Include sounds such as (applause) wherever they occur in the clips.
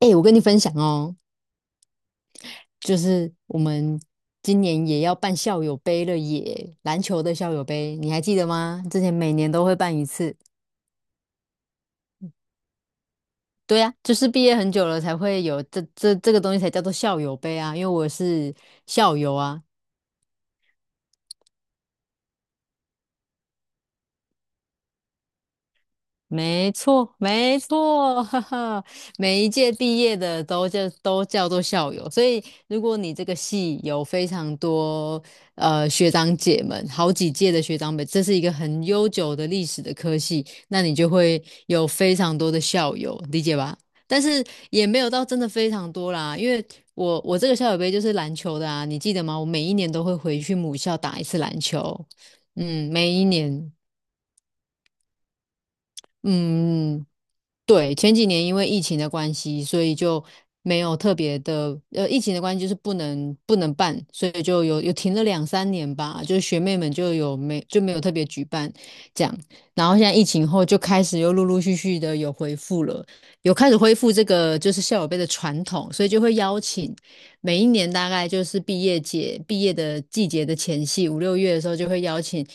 哎、我跟你分享哦，就是我们今年也要办校友杯了耶，篮球的校友杯，你还记得吗？之前每年都会办一次。对呀、就是毕业很久了才会有这个东西才叫做校友杯啊，因为我是校友啊，没错，没错，(laughs) 哈哈，每一届毕业的都叫做校友，所以如果你这个系有非常多学长姐们，好几届的学长们，这是一个很悠久的历史的科系，那你就会有非常多的校友，理解吧？但是也没有到真的非常多啦，因为我这个校友杯就是篮球的啊，你记得吗？我每一年都会回去母校打一次篮球，嗯，每一年。嗯，对，前几年因为疫情的关系，所以就没有特别的，疫情的关系就是不能办，所以就有停了两三年吧，就是学妹们就没有特别举办这样，然后现在疫情后就开始又陆陆续续的有恢复了，有开始恢复这个就是校友杯的传统，所以就会邀请每一年大概就是毕业节、毕业的季节的前夕，五六月的时候就会邀请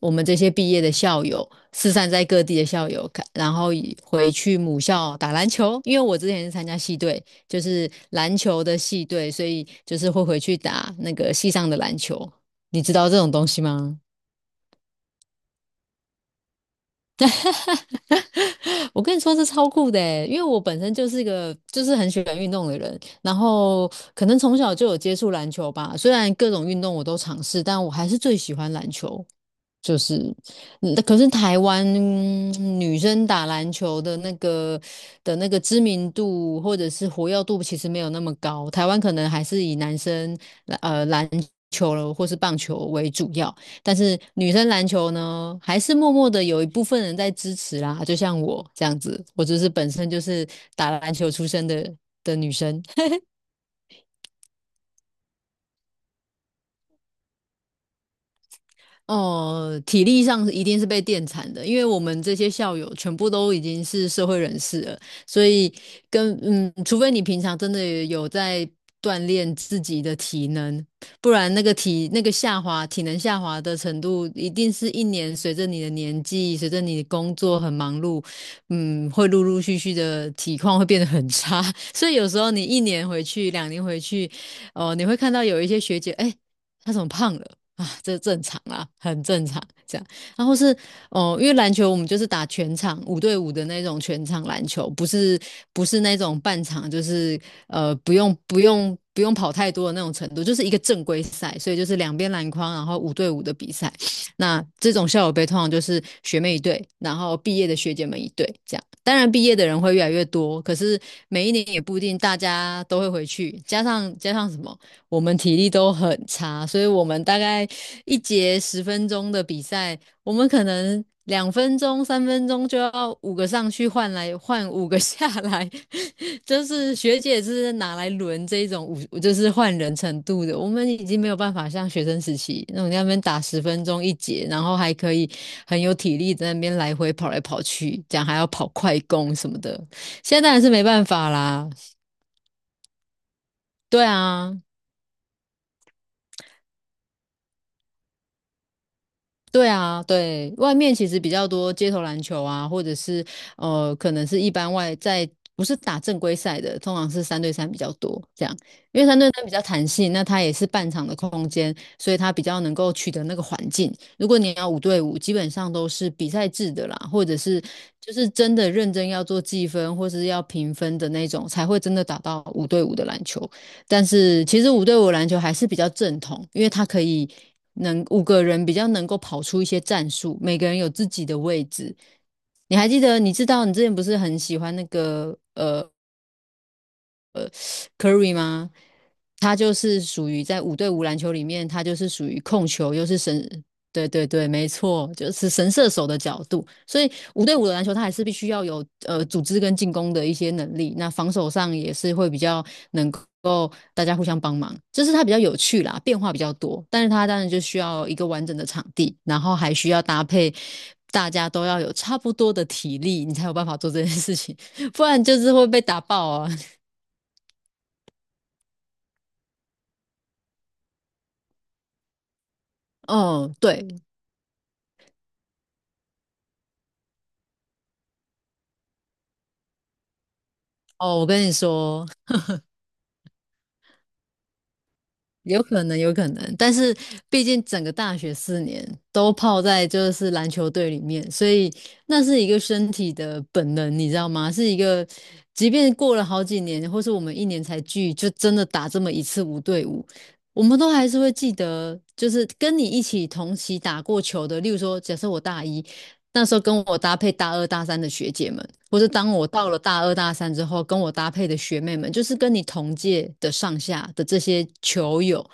我们这些毕业的校友，四散在各地的校友，然后回去母校打篮球。因为我之前是参加系队，就是篮球的系队，所以就是会回去打那个系上的篮球。你知道这种东西吗？(laughs) 我跟你说，这超酷的欸，因为我本身就是一个就是很喜欢运动的人，然后可能从小就有接触篮球吧。虽然各种运动我都尝试，但我还是最喜欢篮球。就是，可是台湾女生打篮球的那个知名度或者是活跃度其实没有那么高，台湾可能还是以男生篮球了或是棒球为主要，但是女生篮球呢，还是默默的有一部分人在支持啦，就像我这样子，我就是本身就是打篮球出身的女生。哦，体力上一定是被电惨的，因为我们这些校友全部都已经是社会人士了，所以跟除非你平常真的有在锻炼自己的体能，不然体能下滑的程度，一定是一年随着你的年纪，随着你的工作很忙碌，会陆陆续续的体况会变得很差，(laughs) 所以有时候你一年回去，两年回去，哦，你会看到有一些学姐，哎，她怎么胖了？啊，这正常啊，很正常这样。然后是哦，因为篮球我们就是打全场五对五的那种全场篮球，不是不是那种半场，就是不用跑太多的那种程度，就是一个正规赛，所以就是两边篮筐，然后五对五的比赛。那这种校友杯通常就是学妹一队，然后毕业的学姐们一队这样。当然，毕业的人会越来越多，可是每一年也不一定大家都会回去，加上什么？我们体力都很差，所以我们大概一节十分钟的比赛，我们可能2分钟、3分钟就要五个上去换五个 (laughs) 下来，(laughs) 就是学姐是拿来轮这种五，就是换人程度的。我们已经没有办法像学生时期那种在那边打十分钟一节，然后还可以很有体力在那边来回跑来跑去，这样还要跑快攻什么的。现在当然是没办法啦，对啊。对啊，对，外面其实比较多街头篮球啊，或者是可能是一般外在不是打正规赛的，通常是三对三比较多这样，因为三对三比较弹性，那它也是半场的空间，所以它比较能够取得那个环境。如果你要五对五，基本上都是比赛制的啦，或者是就是真的认真要做计分或是要评分的那种，才会真的打到五对五的篮球。但是其实五对五篮球还是比较正统，因为它能五个人比较能够跑出一些战术，每个人有自己的位置。你还记得？你知道你之前不是很喜欢那个 Curry 吗？他就是属于在五对五篮球里面，他就是属于控球，又是神，对对对，没错，就是神射手的角度。所以五对五的篮球，他还是必须要有组织跟进攻的一些能力。那防守上也是会比较能够大家互相帮忙，就是他比较有趣啦，变化比较多。但是他当然就需要一个完整的场地，然后还需要搭配。大家都要有差不多的体力，你才有办法做这件事情，(laughs) 不然就是会被打爆啊。(laughs) 嗯，对，哦，我跟你说，有可能，有可能，但是毕竟整个大学4年都泡在就是篮球队里面，所以那是一个身体的本能，你知道吗？是一个，即便过了好几年，或是我们一年才聚，就真的打这么一次五对五，我们都还是会记得，就是跟你一起同期打过球的，例如说，假设我大一，那时候跟我搭配大二大三的学姐们，或是当我到了大二大三之后，跟我搭配的学妹们，就是跟你同届的上下的这些球友，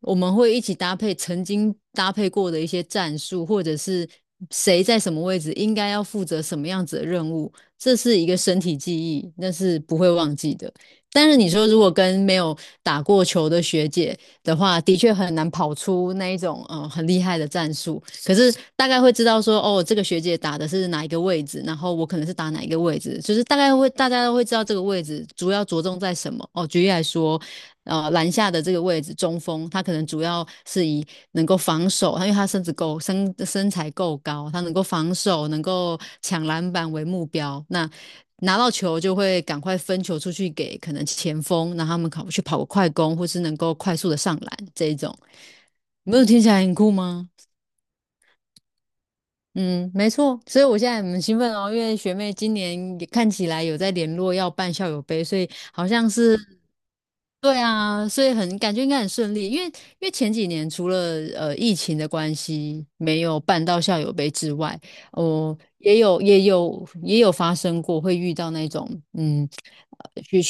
我们会一起搭配曾经搭配过的一些战术，或者是谁在什么位置应该要负责什么样子的任务，这是一个身体记忆，那是不会忘记的。但是你说如果跟没有打过球的学姐的话，的确很难跑出那一种很厉害的战术。可是大概会知道说，哦，这个学姐打的是哪一个位置，然后我可能是打哪一个位置，就是大概会大家都会知道这个位置主要着重在什么。哦，举例来说，篮下的这个位置中锋，他可能主要是以能够防守，因为他身材够高，他能够防守，能够抢篮板为目标。那拿到球就会赶快分球出去给可能前锋，让他们跑去跑个快攻，或是能够快速的上篮这一种。没有听起来很酷吗？嗯，没错，所以我现在很兴奋哦，因为学妹今年也看起来有在联络要办校友杯，所以好像是，对啊，所以很感觉应该很顺利，因为前几年除了疫情的关系没有办到校友杯之外，哦、也有发生过会遇到那种嗯，呃学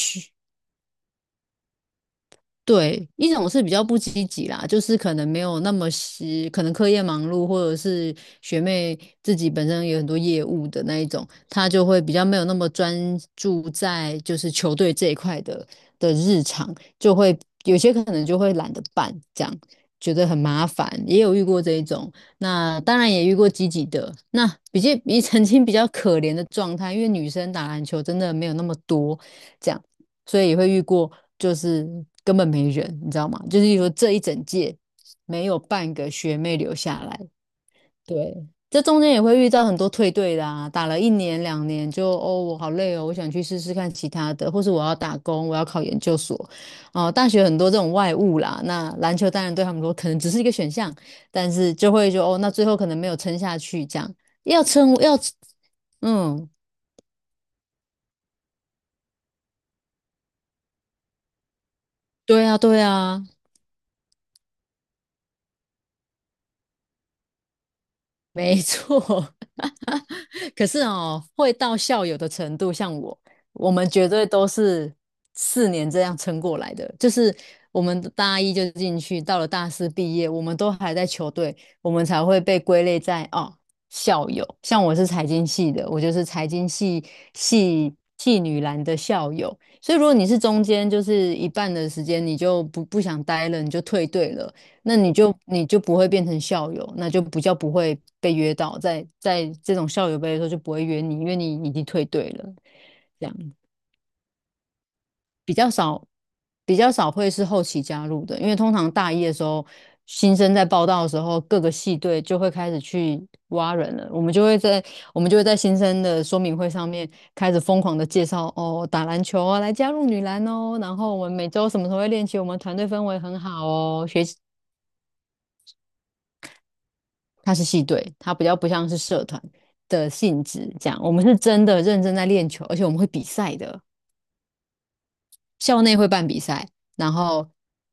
对，一种是比较不积极啦，就是可能没有那么是，可能课业忙碌，或者是学妹自己本身有很多业务的那一种，她就会比较没有那么专注在就是球队这一块的日常，就会有些可能就会懒得办，这样觉得很麻烦，也有遇过这一种。那当然也遇过积极的，那比较 (laughs) 比曾经比较可怜的状态，因为女生打篮球真的没有那么多，这样。所以也会遇过就是根本没人，你知道吗？就是说这一整届没有半个学妹留下来，对。这中间也会遇到很多退队的啊，打了一年两年就哦，我好累哦，我想去试试看其他的，或是我要打工，我要考研究所。哦、大学很多这种外务啦，那篮球当然对他们说可能只是一个选项，但是就会说哦，那最后可能没有撑下去，这样要撑要嗯，对啊，对啊，没错，(laughs) 可是哦，会到校友的程度，像我，我们绝对都是4年这样撑过来的。就是我们大一就进去，到了大四毕业，我们都还在球队，我们才会被归类在哦校友。像我是财经系的，我就是财经系系女篮的校友。所以如果你是中间就是一半的时间，你就不想待了，你就退队了。那你就不会变成校友，那就比较不会被约到，在这种校友杯的时候就不会约你，因为你已经退队了，这样比较少比较少会是后期加入的，因为通常大一的时候，新生在报道的时候，各个系队就会开始去挖人了，我们就会在新生的说明会上面开始疯狂的介绍哦，打篮球啊，来加入女篮哦，然后我们每周什么时候会练习，我们团队氛围很好哦，它是系队，它比较不像是社团的性质这样。我们是真的认真在练球，而且我们会比赛的。校内会办比赛，然后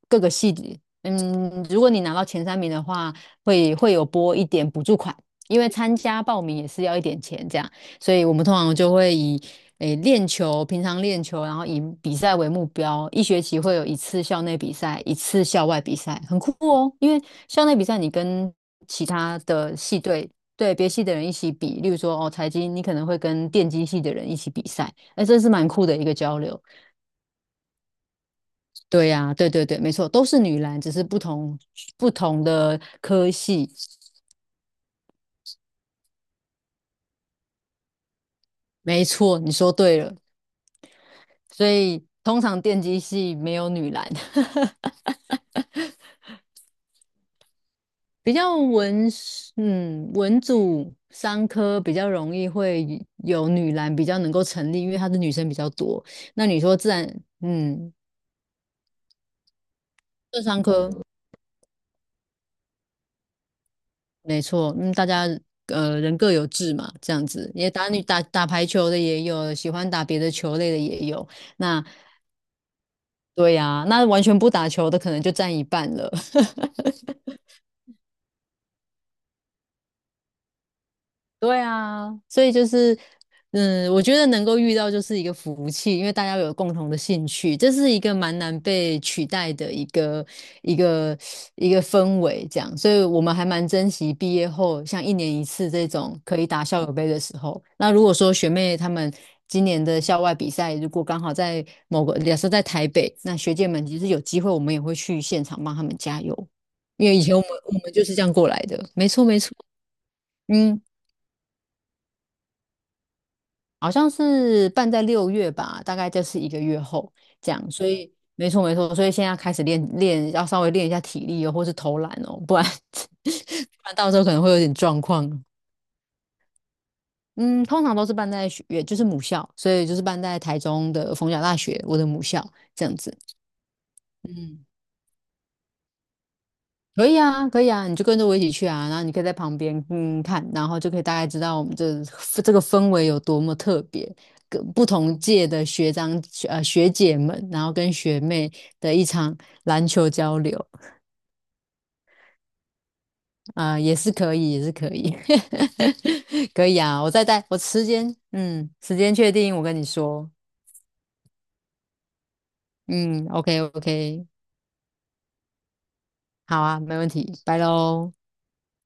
各个系里如果你拿到前三名的话，会有拨一点补助款，因为参加报名也是要一点钱这样，所以我们通常就会以练球，平常练球，然后以比赛为目标，一学期会有一次校内比赛，一次校外比赛，很酷哦，因为校内比赛你跟其他的系队。对别系的人一起比，例如说哦，财经你可能会跟电机系的人一起比赛，哎，这是蛮酷的一个交流。对呀、对对对，没错，都是女篮，只是不同的科系。没错，你说对了。所以通常电机系没有女篮，(laughs) 比较文，嗯，文组三科比较容易会有女篮比较能够成立，因为她的女生比较多。那你说自然，嗯，这三科没错，嗯，大家人各有志嘛，这样子，也打打排球的也有，喜欢打别的球类的也有。那对呀、那完全不打球的可能就占一半了。(laughs) 对啊，所以就是，我觉得能够遇到就是一个福气，因为大家有共同的兴趣，这是一个蛮难被取代的一个一个氛围，这样，所以我们还蛮珍惜毕业后像一年一次这种可以打校友杯的时候。那如果说学妹她们今年的校外比赛，如果刚好在某个，假设在台北，那学姐们其实有机会，我们也会去现场帮她们加油，因为以前我们就是这样过来的，没错没错，嗯。好像是办在6月吧，大概就是一个月后这样，所以没错没错，所以现在开始练练，要稍微练一下体力哦，或是投篮哦，不然 (laughs) 不然到时候可能会有点状况。嗯，通常都是办在学，也就是母校，所以就是办在台中的逢甲大学，我的母校这样子。可以啊，可以啊，你就跟着我一起去啊，然后你可以在旁边看，然后就可以大概知道我们这个氛围有多么特别，跟不同届的学长学姐们，然后跟学妹的一场篮球交流啊、也是可以，也是可以，(laughs) 可以啊，我再带我时间，时间确定，我跟你说，嗯，OK OK，好啊，没问题，拜喽。